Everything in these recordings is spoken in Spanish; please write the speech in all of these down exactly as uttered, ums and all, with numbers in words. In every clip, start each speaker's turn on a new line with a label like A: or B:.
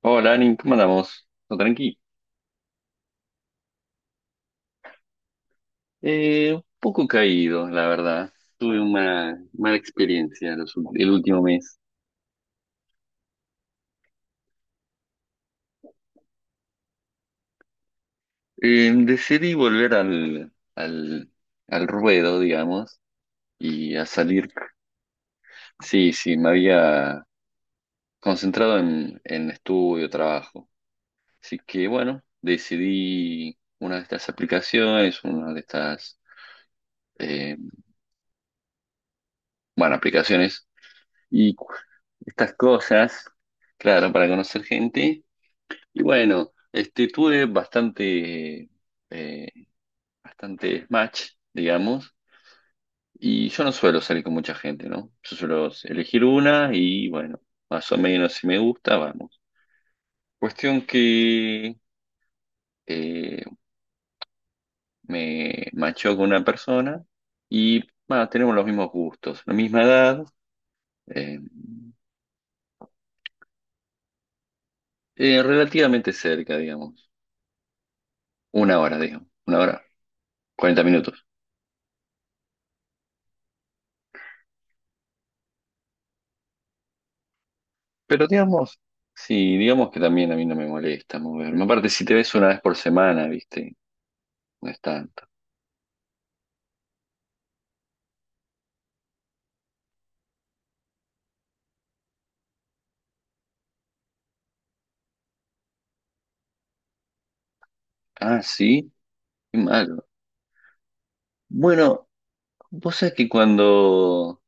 A: Hola, Arin, ¿cómo andamos? ¿Todo tranqui? Eh, un poco caído, la verdad. Tuve una mala experiencia los ul- el último mes. Eh, decidí volver al, al, al ruedo, digamos, y a salir. Sí, sí, me había concentrado en, en estudio, trabajo. Así que, bueno, decidí una de estas aplicaciones, una de estas, eh, bueno, aplicaciones y cu- estas cosas, claro, para conocer gente. Y bueno, este, tuve bastante, eh, bastante match, digamos, y yo no suelo salir con mucha gente, ¿no? Yo suelo elegir una y bueno, más o menos si me gusta, vamos. Cuestión que eh, me machó con una persona y bueno, tenemos los mismos gustos, la misma edad, eh, eh, relativamente cerca, digamos, una hora, digamos, una hora, cuarenta minutos. Pero digamos, sí, digamos que también a mí no me molesta moverme. Aparte, si te ves una vez por semana, viste, no es tanto. Ah, sí, qué malo. Bueno, vos sabés que cuando,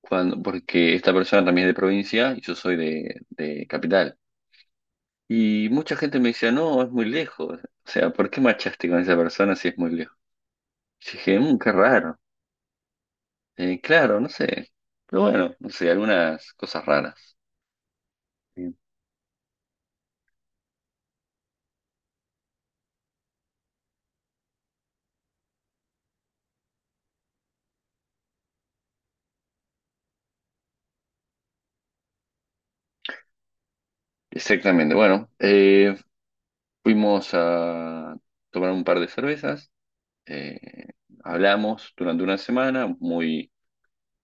A: cuando, porque esta persona también es de provincia y yo soy de, de capital. Y mucha gente me decía, no, es muy lejos. O sea, ¿por qué machaste con esa persona si es muy lejos? Y dije, mmm, qué raro. Eh, claro, no sé. Pero bueno, no sé, algunas cosas raras. Sí. Exactamente, bueno. eh, Fuimos a tomar un par de cervezas, eh, hablamos durante una semana, muy,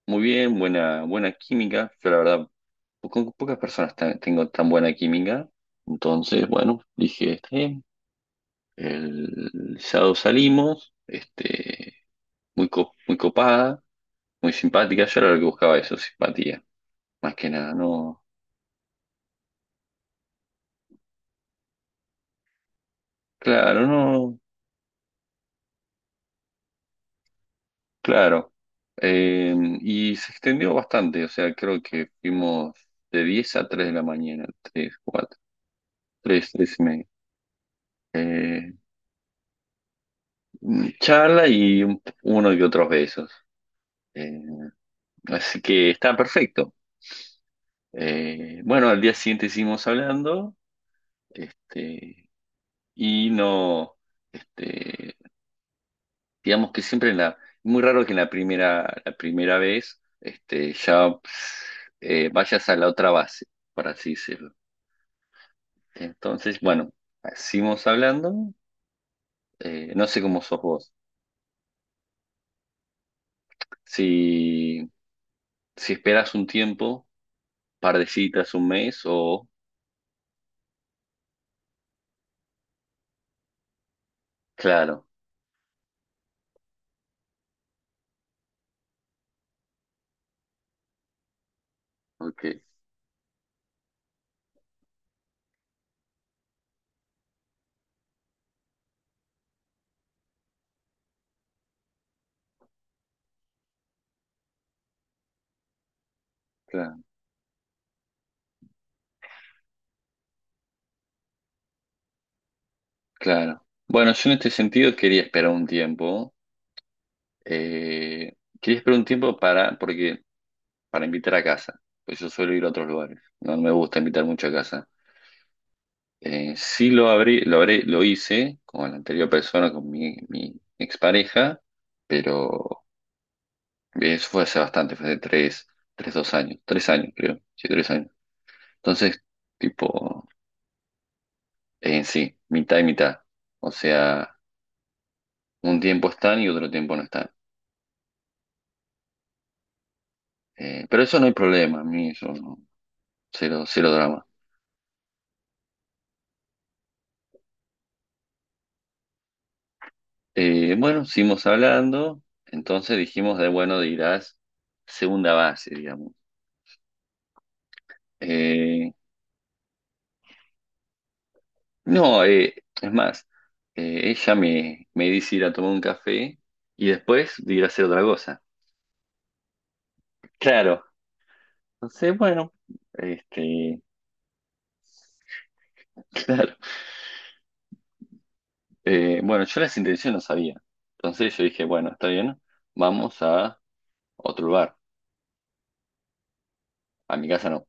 A: muy bien, buena, buena química. Yo la verdad, po- con pocas personas ta- tengo tan buena química. Entonces, bueno, dije, está bien. El sábado salimos, este, muy, co- muy copada, muy simpática. Yo era lo que buscaba eso, simpatía, más que nada, no. Claro, no. Claro, Eh, y se extendió bastante, o sea, creo que fuimos de diez a tres de la mañana, tres, cuatro, tres, 3 y media. Eh, mm, charla y un- uno y otros besos. Eh, así que está perfecto. Eh, bueno, al día siguiente seguimos hablando, este, y no, este, digamos que siempre en la, muy raro que en la primera, la primera vez, este, ya eh, vayas a la otra base, por así decirlo. Entonces, bueno, seguimos hablando. Eh, no sé cómo sos vos. Si, si esperas un tiempo, par de citas, un mes o... Claro, ok, claro, claro. Bueno, yo en este sentido quería esperar un tiempo. eh, Quería esperar un tiempo para, porque, para invitar a casa. Pues yo suelo ir a otros lugares. No no me gusta invitar mucho a casa. Eh, sí lo abrí, lo habré- lo hice con la anterior persona, con mi, mi expareja, pero eso fue hace bastante, fue hace tres, tres, dos años, tres años creo, sí, tres años. Entonces, tipo, en sí, mitad y mitad. O sea, un tiempo están y otro tiempo no están. Eh, pero eso no hay problema, a mí eso no, cero, cero drama. Eh, bueno, seguimos hablando, entonces dijimos de, bueno, dirás segunda base, digamos. Eh, no, eh, Es más, eh, ella me, me dice ir a tomar un café y después de ir a hacer otra cosa. Claro, entonces, bueno, este, claro. Eh, bueno, yo las intenciones no sabía. Entonces yo dije, bueno, está bien, vamos a otro lugar. A mi casa no.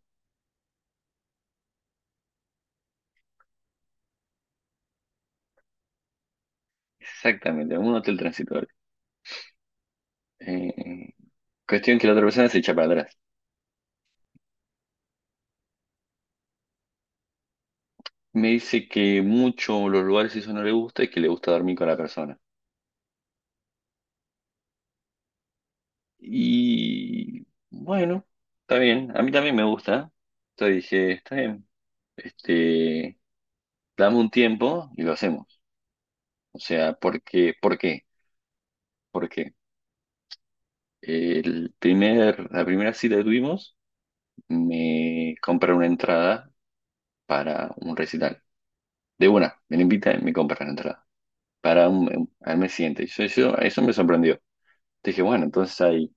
A: Exactamente, a un hotel transitorio. Eh, Cuestión que la otra persona se echa para atrás. Me dice que mucho los lugares eso no le gusta y que le gusta dormir con la persona. Y bueno, está bien. A mí también me gusta. Entonces dije, está bien. Este, dame un tiempo y lo hacemos. O sea, ¿por qué? ¿Por qué? ¿Por qué? El primer, la primera cita que tuvimos, me compré una entrada para un recital. De una, me la invitan y me compra la entrada. Para un, un- al mes siguiente. Yo, yo- eso me sorprendió. Te dije, bueno, entonces ahí.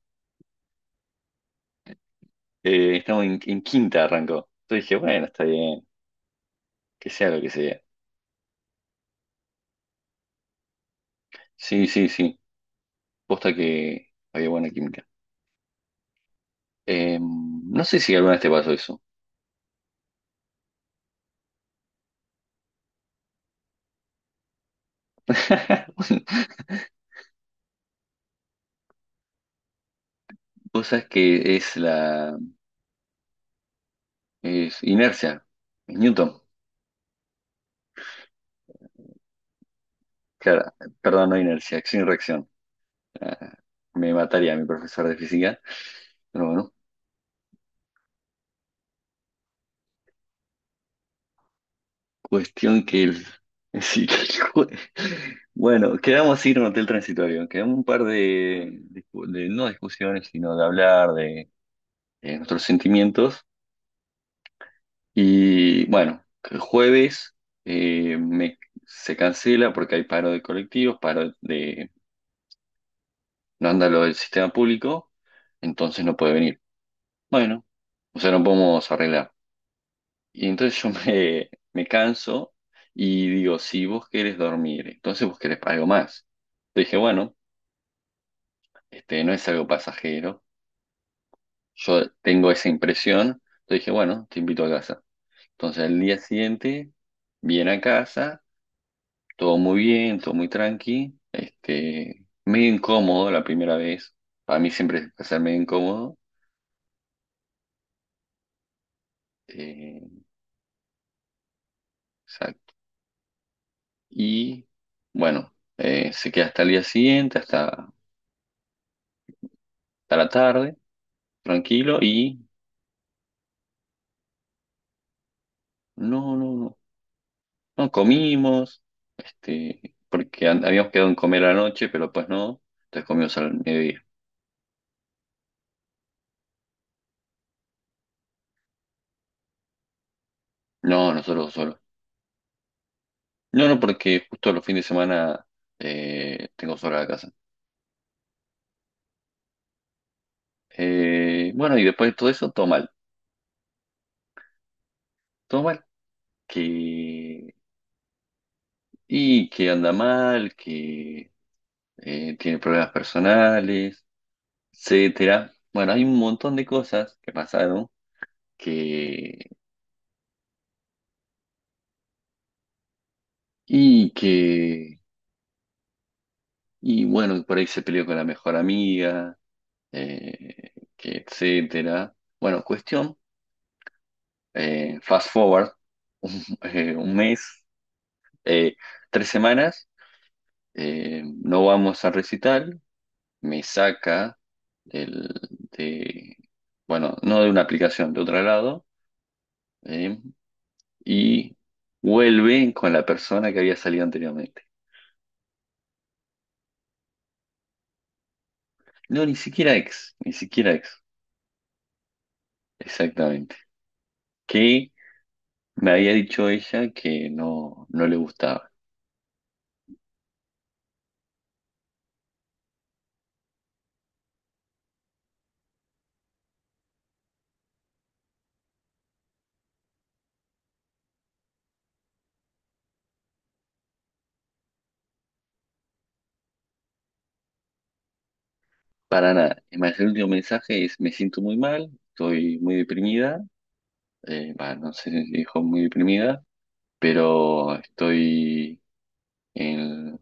A: eh, Estamos en, en quinta, arrancó. Yo dije, bueno, está bien, que sea lo que sea. Sí, sí, sí. Posta que había buena química. Eh, no sé si alguna vez te pasó eso. Vos sabés que es la es inercia. Es Newton. Claro, perdón, no inercia, acción y reacción. Ah, me mataría a mi profesor de física, pero bueno, cuestión que el... sí, que el jue- bueno, quedamos así en un hotel transitorio, quedamos un par de, discu- de- no discusiones, sino de hablar de, de nuestros sentimientos. Y bueno, el jueves eh, me, se cancela porque hay paro de colectivos, paro de... no anda lo del sistema público, entonces no puede venir. Bueno, o sea, no podemos arreglar. Y entonces yo me, me canso y digo, si vos querés dormir, entonces vos querés algo más. Entonces dije, bueno, este no es algo pasajero. Yo tengo esa impresión. Entonces dije, bueno, te invito a casa. Entonces al día siguiente viene a casa, todo muy bien, todo muy tranqui. Este, medio incómodo la primera vez. Para mí siempre es pasar medio incómodo. Eh, exacto. Y bueno, eh, se queda hasta el día siguiente, hasta, hasta la tarde. Tranquilo y no, no, no, no comimos, este, porque an- habíamos quedado en comer a la noche, pero pues no, entonces comimos al mediodía. No, nosotros solos. No, no, porque justo los fines de semana eh, tengo sola la casa. Eh, bueno, y después de todo eso, todo mal, todo mal, que, y que anda mal, que eh, tiene problemas personales, etcétera. Bueno, hay un montón de cosas que pasaron que, y que y bueno, por ahí se peleó con la mejor amiga, eh, que etcétera. Bueno, cuestión, eh, fast forward, eh, un mes, eh, tres semanas, eh, no vamos a recital, me saca del, de, bueno, no de una aplicación, de otro lado, eh, y vuelve con la persona que había salido anteriormente. No, ni siquiera ex, ni siquiera ex, exactamente. Que me había dicho ella que no, no le gustaba. Para nada. Imagínate, el último mensaje es, me siento muy mal, estoy muy deprimida, eh, bah, no sé si dijo muy deprimida, pero estoy en,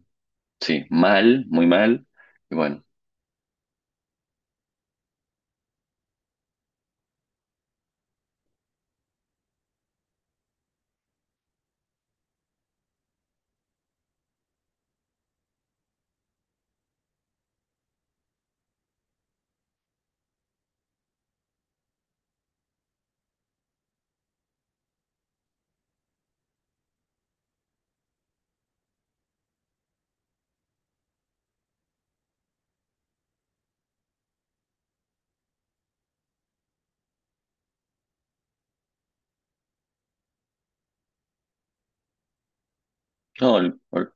A: sí, mal, muy mal. Y bueno, no, el- el-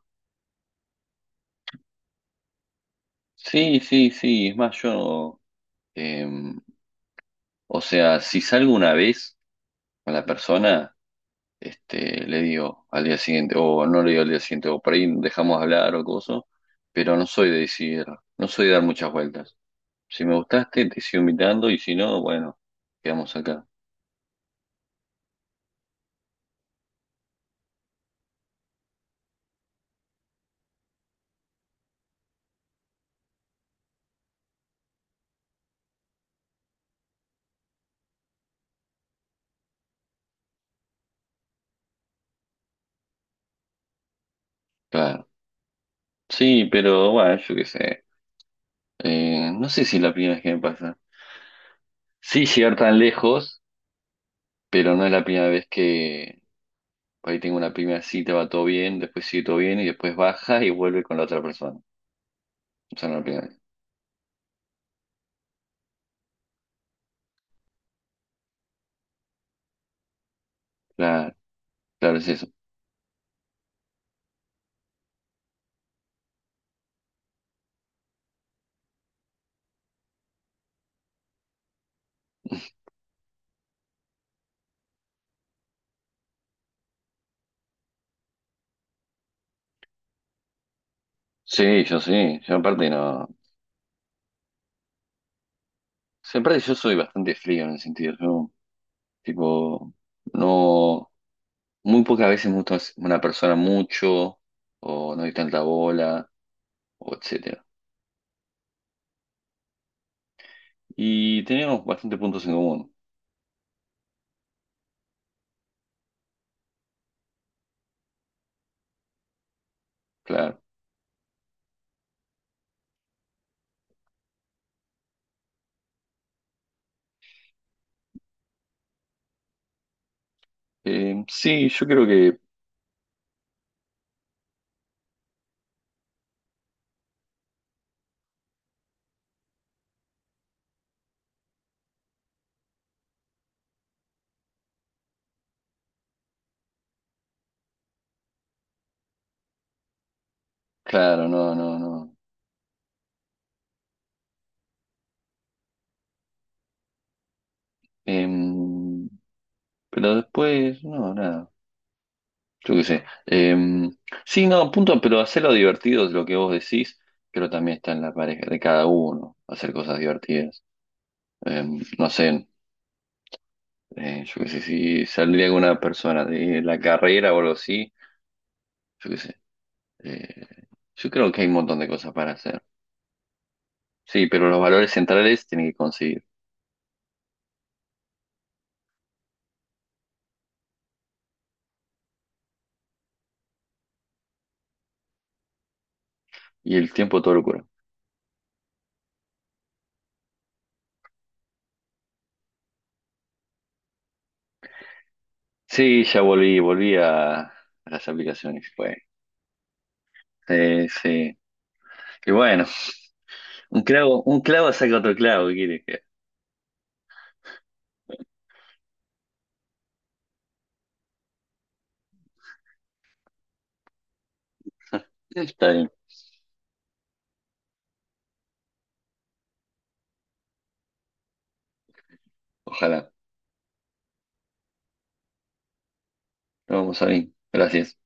A: sí, sí, sí, es más, yo, eh, o sea, si salgo una vez con la persona, este, le digo al día siguiente, o no le digo al día siguiente, o por ahí dejamos de hablar o cosas, pero no soy de decir, no soy de dar muchas vueltas. Si me gustaste, te sigo invitando y si no, bueno, quedamos acá. Claro. Sí, pero bueno, yo qué sé. Eh, no sé si es la primera vez que me pasa. Sí, llegar tan lejos, pero no es la primera vez que por ahí tengo una primera cita, va todo bien, después sigue todo bien y después baja y vuelve con la otra persona. O sea, no es la primera vez. Claro, claro, es eso. Sí, yo sí. Yo aparte no. O sea, aparte yo soy bastante frío en el sentido. Yo, tipo, no. Muy pocas veces me gusta una persona mucho, o no hay tanta bola, o etcétera. Y tenemos bastantes puntos en común, claro. Eh, sí, yo creo que, claro, no, no, no. Em, pero después, no, nada, yo qué sé. Em, sí, no, punto, pero hacerlo divertido es lo que vos decís, pero también está en la pareja de cada uno, hacer cosas divertidas. Em, no sé, eh, yo qué sé, si saldría alguna persona de la carrera o algo así. Yo qué sé, Eh, yo creo que hay un montón de cosas para hacer. Sí, pero los valores centrales tienen que conseguir. Y el tiempo todo lo cura. Sí, ya volví, volví a, a las aplicaciones. Fue sí, sí. Y bueno, un clavo, un clavo saca otro clavo, ¿qué quieres que? Está bien, ojalá. Nos vamos a ver. Gracias.